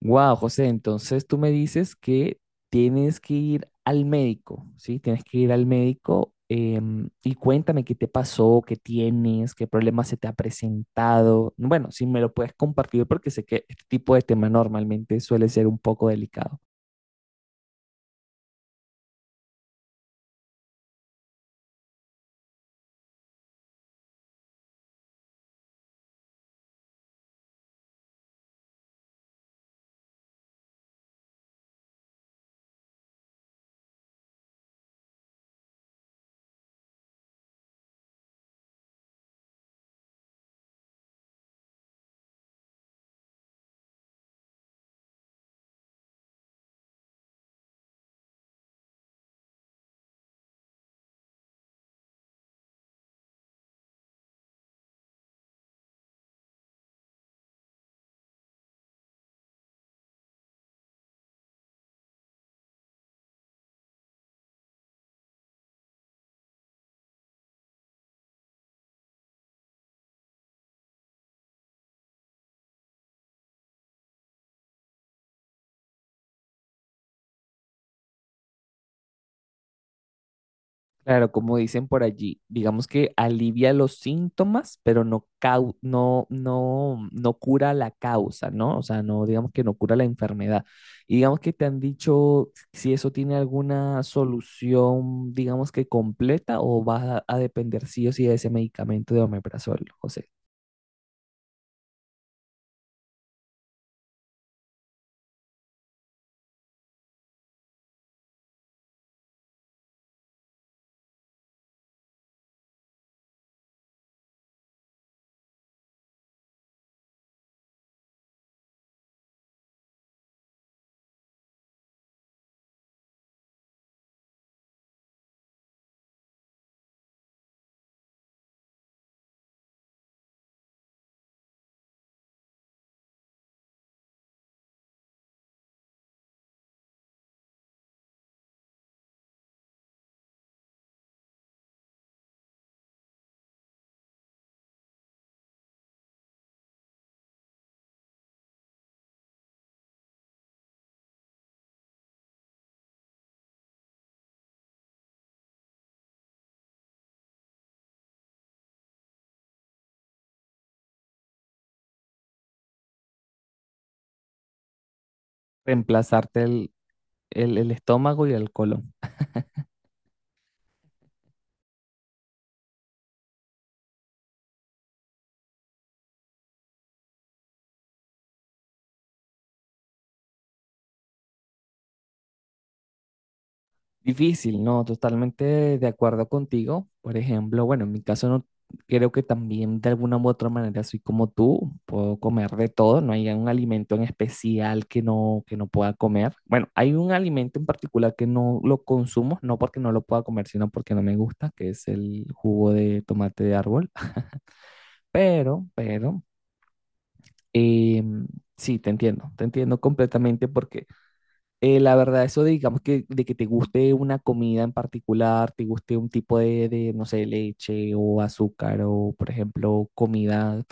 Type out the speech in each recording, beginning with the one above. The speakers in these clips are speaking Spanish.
Wow, José, entonces tú me dices que tienes que ir al médico, ¿sí? Tienes que ir al médico, y cuéntame qué te pasó, qué tienes, qué problema se te ha presentado. Bueno, si me lo puedes compartir porque sé que este tipo de tema normalmente suele ser un poco delicado. Claro, como dicen por allí, digamos que alivia los síntomas, pero no, no, no cura la causa, ¿no? O sea, no, digamos que no cura la enfermedad. Y digamos que te han dicho si eso tiene alguna solución, digamos que completa, o va a depender sí o sí de ese medicamento de omeprazol, José. Reemplazarte el estómago y el colon. Difícil, no, totalmente de acuerdo contigo. Por ejemplo, bueno, en mi caso no creo que también de alguna u otra manera soy como tú, puedo comer de todo, no hay un alimento en especial que no pueda comer. Bueno, hay un alimento en particular que no lo consumo, no porque no lo pueda comer, sino porque no me gusta, que es el jugo de tomate de árbol. Pero, em, sí, te entiendo completamente porque la verdad, eso de, digamos que de que te guste una comida en particular, te guste un tipo de, no sé, leche o azúcar o, por ejemplo, comida,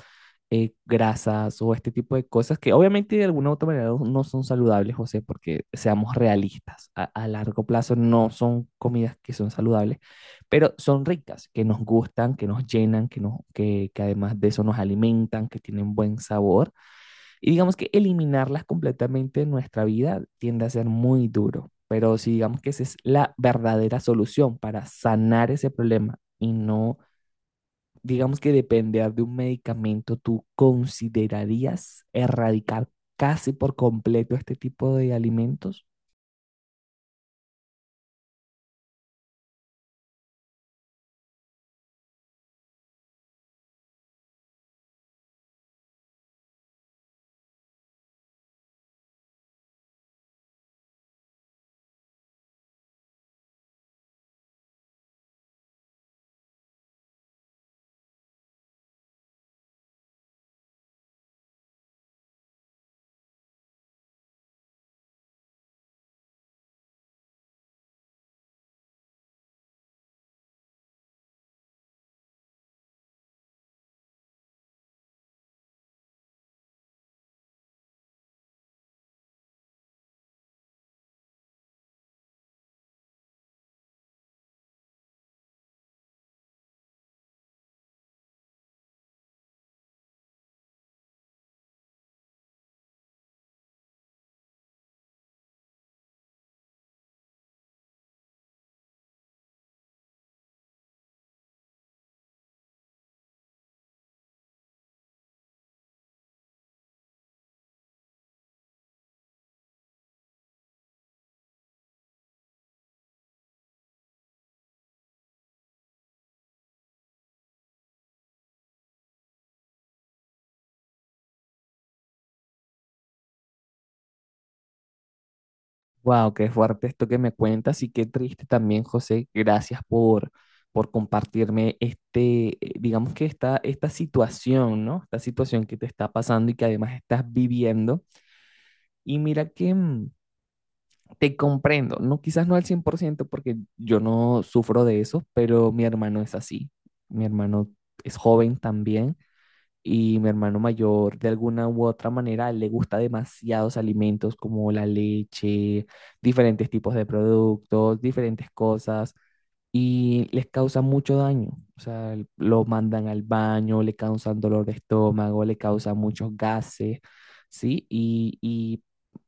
grasas o este tipo de cosas que obviamente de alguna u otra manera no son saludables, José, porque seamos realistas, a largo plazo no son comidas que son saludables, pero son ricas, que nos gustan, que nos llenan, que además de eso nos alimentan, que tienen buen sabor. Y digamos que eliminarlas completamente de nuestra vida tiende a ser muy duro, pero si digamos que esa es la verdadera solución para sanar ese problema y no, digamos que depender de un medicamento, ¿tú considerarías erradicar casi por completo este tipo de alimentos? Wow, qué fuerte esto que me cuentas y qué triste también, José. Gracias por compartirme este, digamos que esta situación, ¿no? Esta situación que te está pasando y que además estás viviendo. Y mira que mm, te comprendo, no, quizás no al 100% porque yo no sufro de eso, pero mi hermano es así. Mi hermano es joven también y mi hermano mayor de alguna u otra manera le gusta demasiados alimentos como la leche, diferentes tipos de productos, diferentes cosas y les causa mucho daño. O sea, lo mandan al baño, le causan dolor de estómago, le causan muchos gases, ¿sí? Y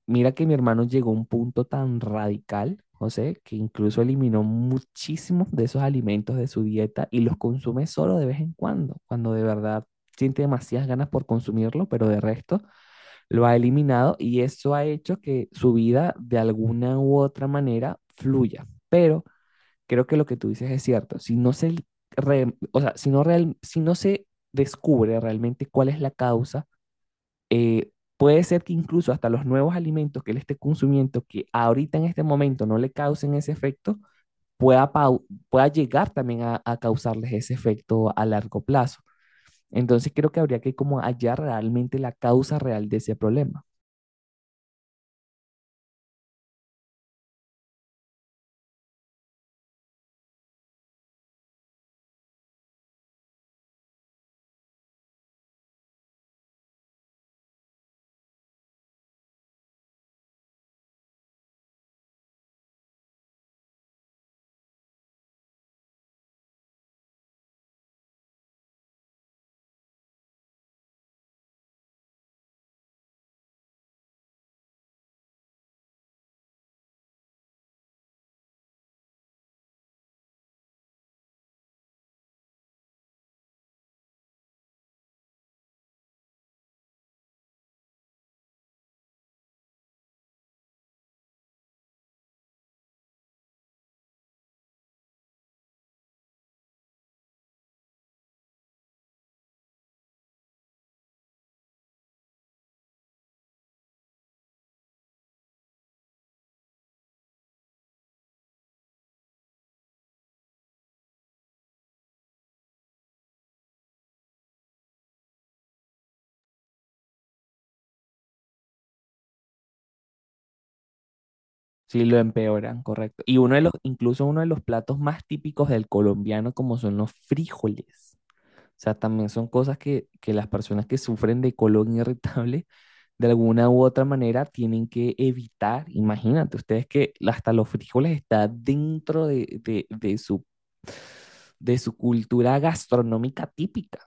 mira que mi hermano llegó a un punto tan radical, José, que incluso eliminó muchísimos de esos alimentos de su dieta y los consume solo de vez en cuando, cuando de verdad siente demasiadas ganas por consumirlo, pero de resto lo ha eliminado y eso ha hecho que su vida de alguna u otra manera fluya. Pero creo que lo que tú dices es cierto. Si no se, o sea, si no, si no se descubre realmente cuál es la causa, eh, puede ser que incluso hasta los nuevos alimentos que él esté consumiendo, que ahorita en este momento no le causen ese efecto, pueda llegar también a causarles ese efecto a largo plazo. Entonces creo que habría que como hallar realmente la causa real de ese problema. Si lo empeoran, correcto. Y uno de los, incluso uno de los platos más típicos del colombiano, como son los frijoles. O sea, también son cosas que las personas que sufren de colon irritable de alguna u otra manera tienen que evitar. Imagínate ustedes que hasta los frijoles está dentro de su cultura gastronómica típica.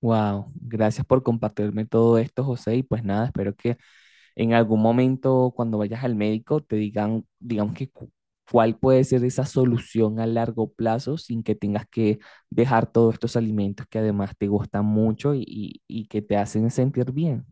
Wow, gracias por compartirme todo esto, José. Y pues nada, espero que en algún momento cuando vayas al médico te digan, digamos que cuál puede ser esa solución a largo plazo sin que tengas que dejar todos estos alimentos que además te gustan mucho y que te hacen sentir bien.